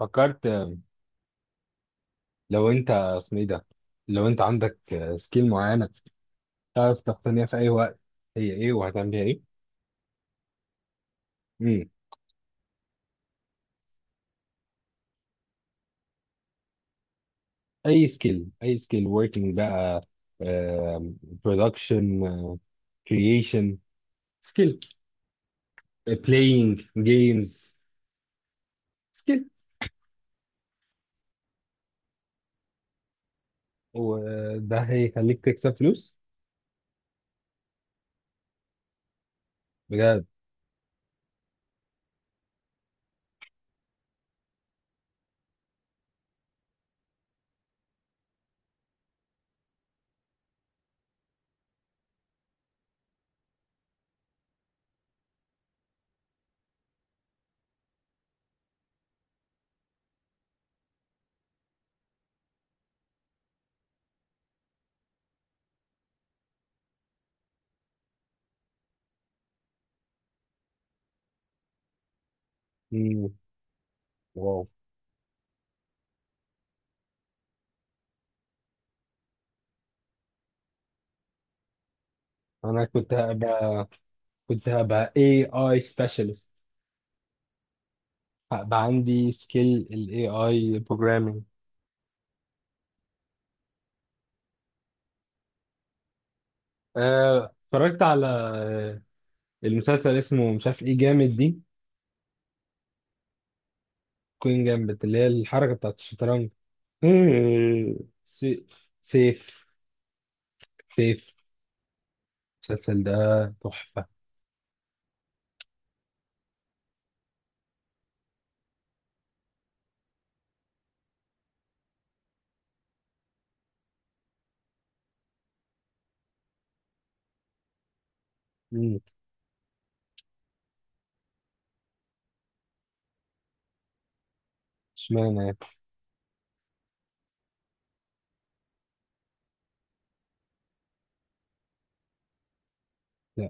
فكرت لو انت اسمه ايه ده، لو انت عندك سكيل معينه تعرف تقتنيها في اي وقت، هي ايه وهتعمل بيها ايه؟ مم. اي سكيل، اي سكيل working بقى، برودكشن، كرييشن سكيل، بلاينج جيمز سكيل. وده هيخليك تكسب فلوس بجد؟ مم. واو. انا كنت هبقى، كنت هبقى اي سبيشالست، هبقى عندي سكيل الاي اي programming. اتفرجت على، المسلسل اسمه مش عارف ايه، جامد دي، كوين جامبت اللي هي الحركة بتاعت الشطرنج. مم. سي- سيف، سيف المسلسل ده تحفة. مم، اشمعنى يعني؟ لا.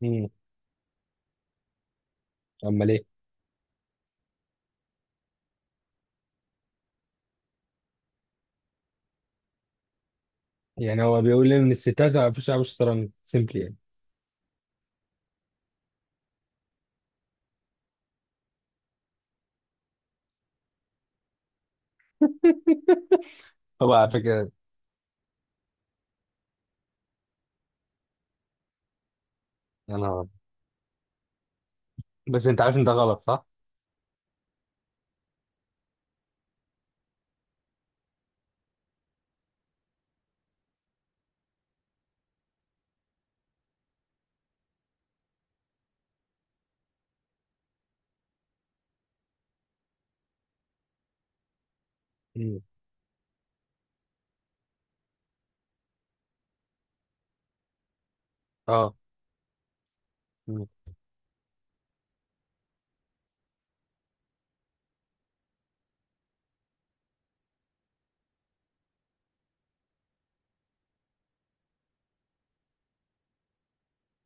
مم، امال ايه؟ يعني هو بيقول ان الستات ما بيعرفوش يلعبوا شطرنج سيمبلي يعني. هو على فكرة انا، بس انت عارف ان ده غلط صح؟ مم. اه. مم.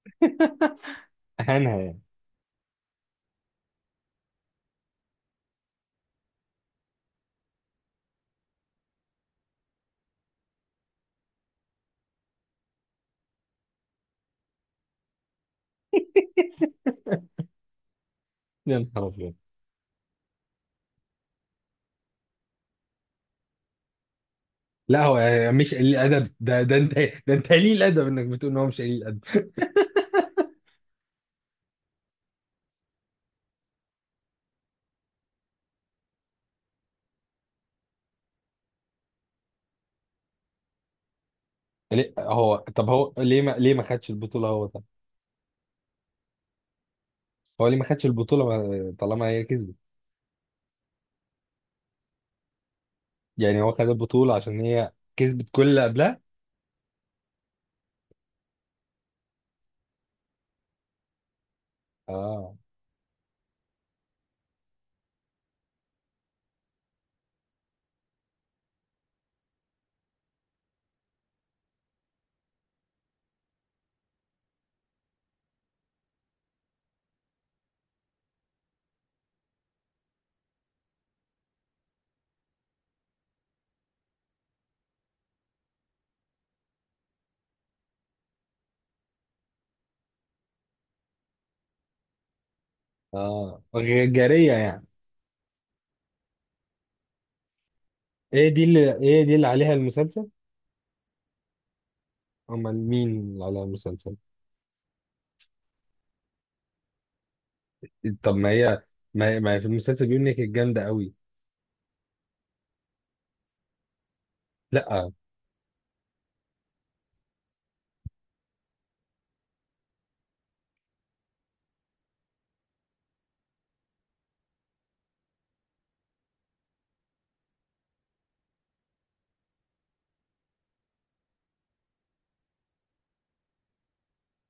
اهانها يعني. يا نهار أبيض. لا هو مش قليل ادب، ده انت، ده انت قليل ادب انك بتقول ان هو مش قليل ادب. ليه هو، طب هو ليه ما ليه ما خدش البطولة؟ هو طب هو ليه ما خدش البطولة، ما- طالما هي كسبت؟ يعني هو خد البطولة عشان هي كسبت كل اللي قبلها. اه. اه، غ- جارية يعني. ايه دي اللي، ايه دي اللي عليها المسلسل؟ امال مين اللي عليها المسلسل؟ طب ما هي، ما هي في المسلسل بيقول انك جامدة قوي. لا.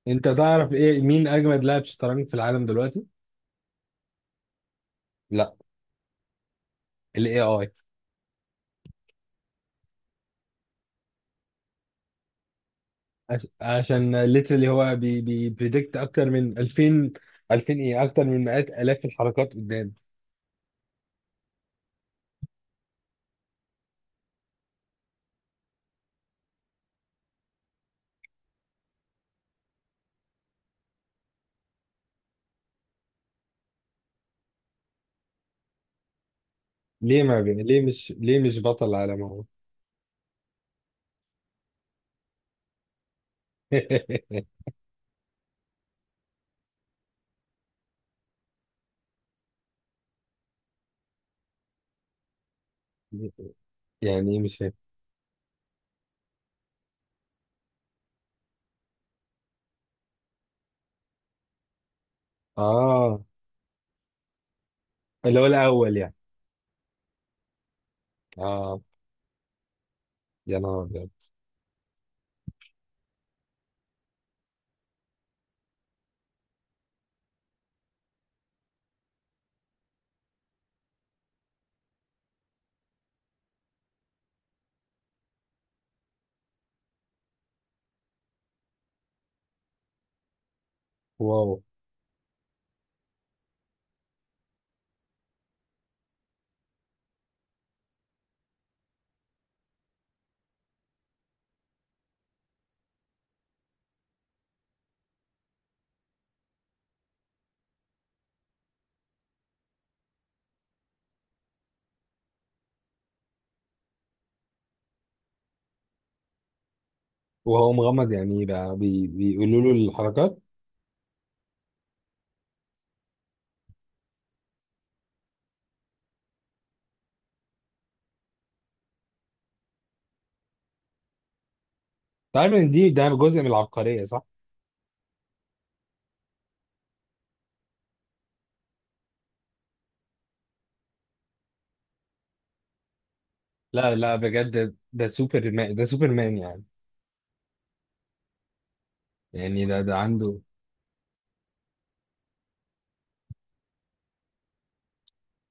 انت تعرف ايه مين اجمد لاعب شطرنج في العالم دلوقتي؟ لا. الاي اي. عش- عشان ليترلي هو بي بريدكت اكتر من 2000، 2000 ايه، اكتر من مئات الاف الحركات قدام. ليه ما بي... ليه مش، ليه مش بطل عالم هو؟ يعني ايه؟ مش فاهم. اه. اللي هو الاول يعني. اه. يا نهار ابيض. واو. وهو مغمض يعني ايه بقى؟ بي... بيقولوا له الحركات؟ تعرف ان دي، ده جزء من العبقرية صح. لا بجد ده سوبر مان، ده سوبر مان يعني. يعني ده، ده عنده.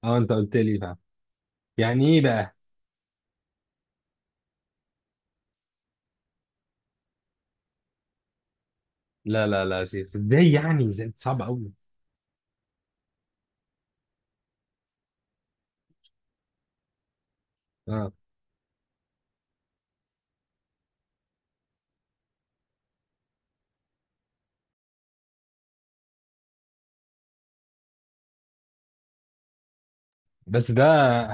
اه انت قلت لي بقى. يعني ايه بقى؟ لا يا سيف، ازاي يعني؟ ازاي؟ صعب قوي. اه بس ده،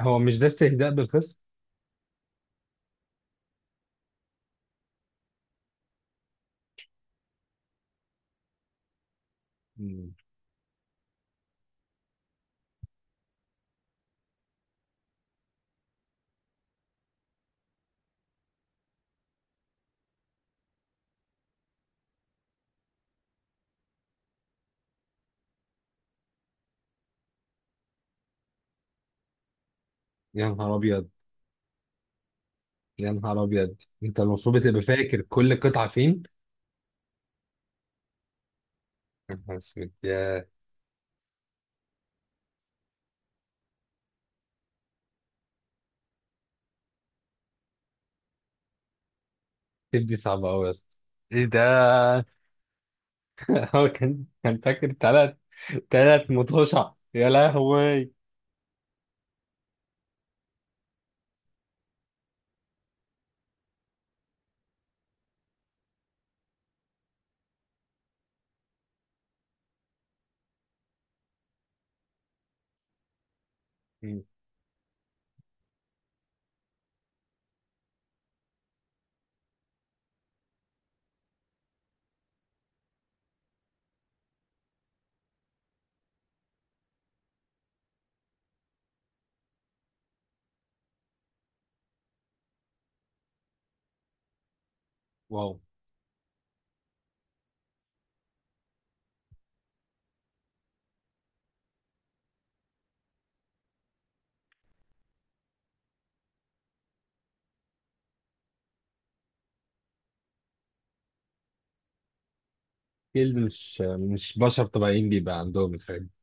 هو مش ده استهزاء بالخصم؟ مم. يا نهار ابيض. يا نهار ابيض، انت المفروض تبقى فاكر كل قطعه فين. يا نهار اسود يا سيف، دي صعبه قوي يا اسطى. ايه ده؟ هو كان، كان فاكر ثلاث، ثلاث مطوشة، يا لهوي. مم. واو. اكيد مش، مش بشر طبيعيين بيبقى عندهم الحاجات.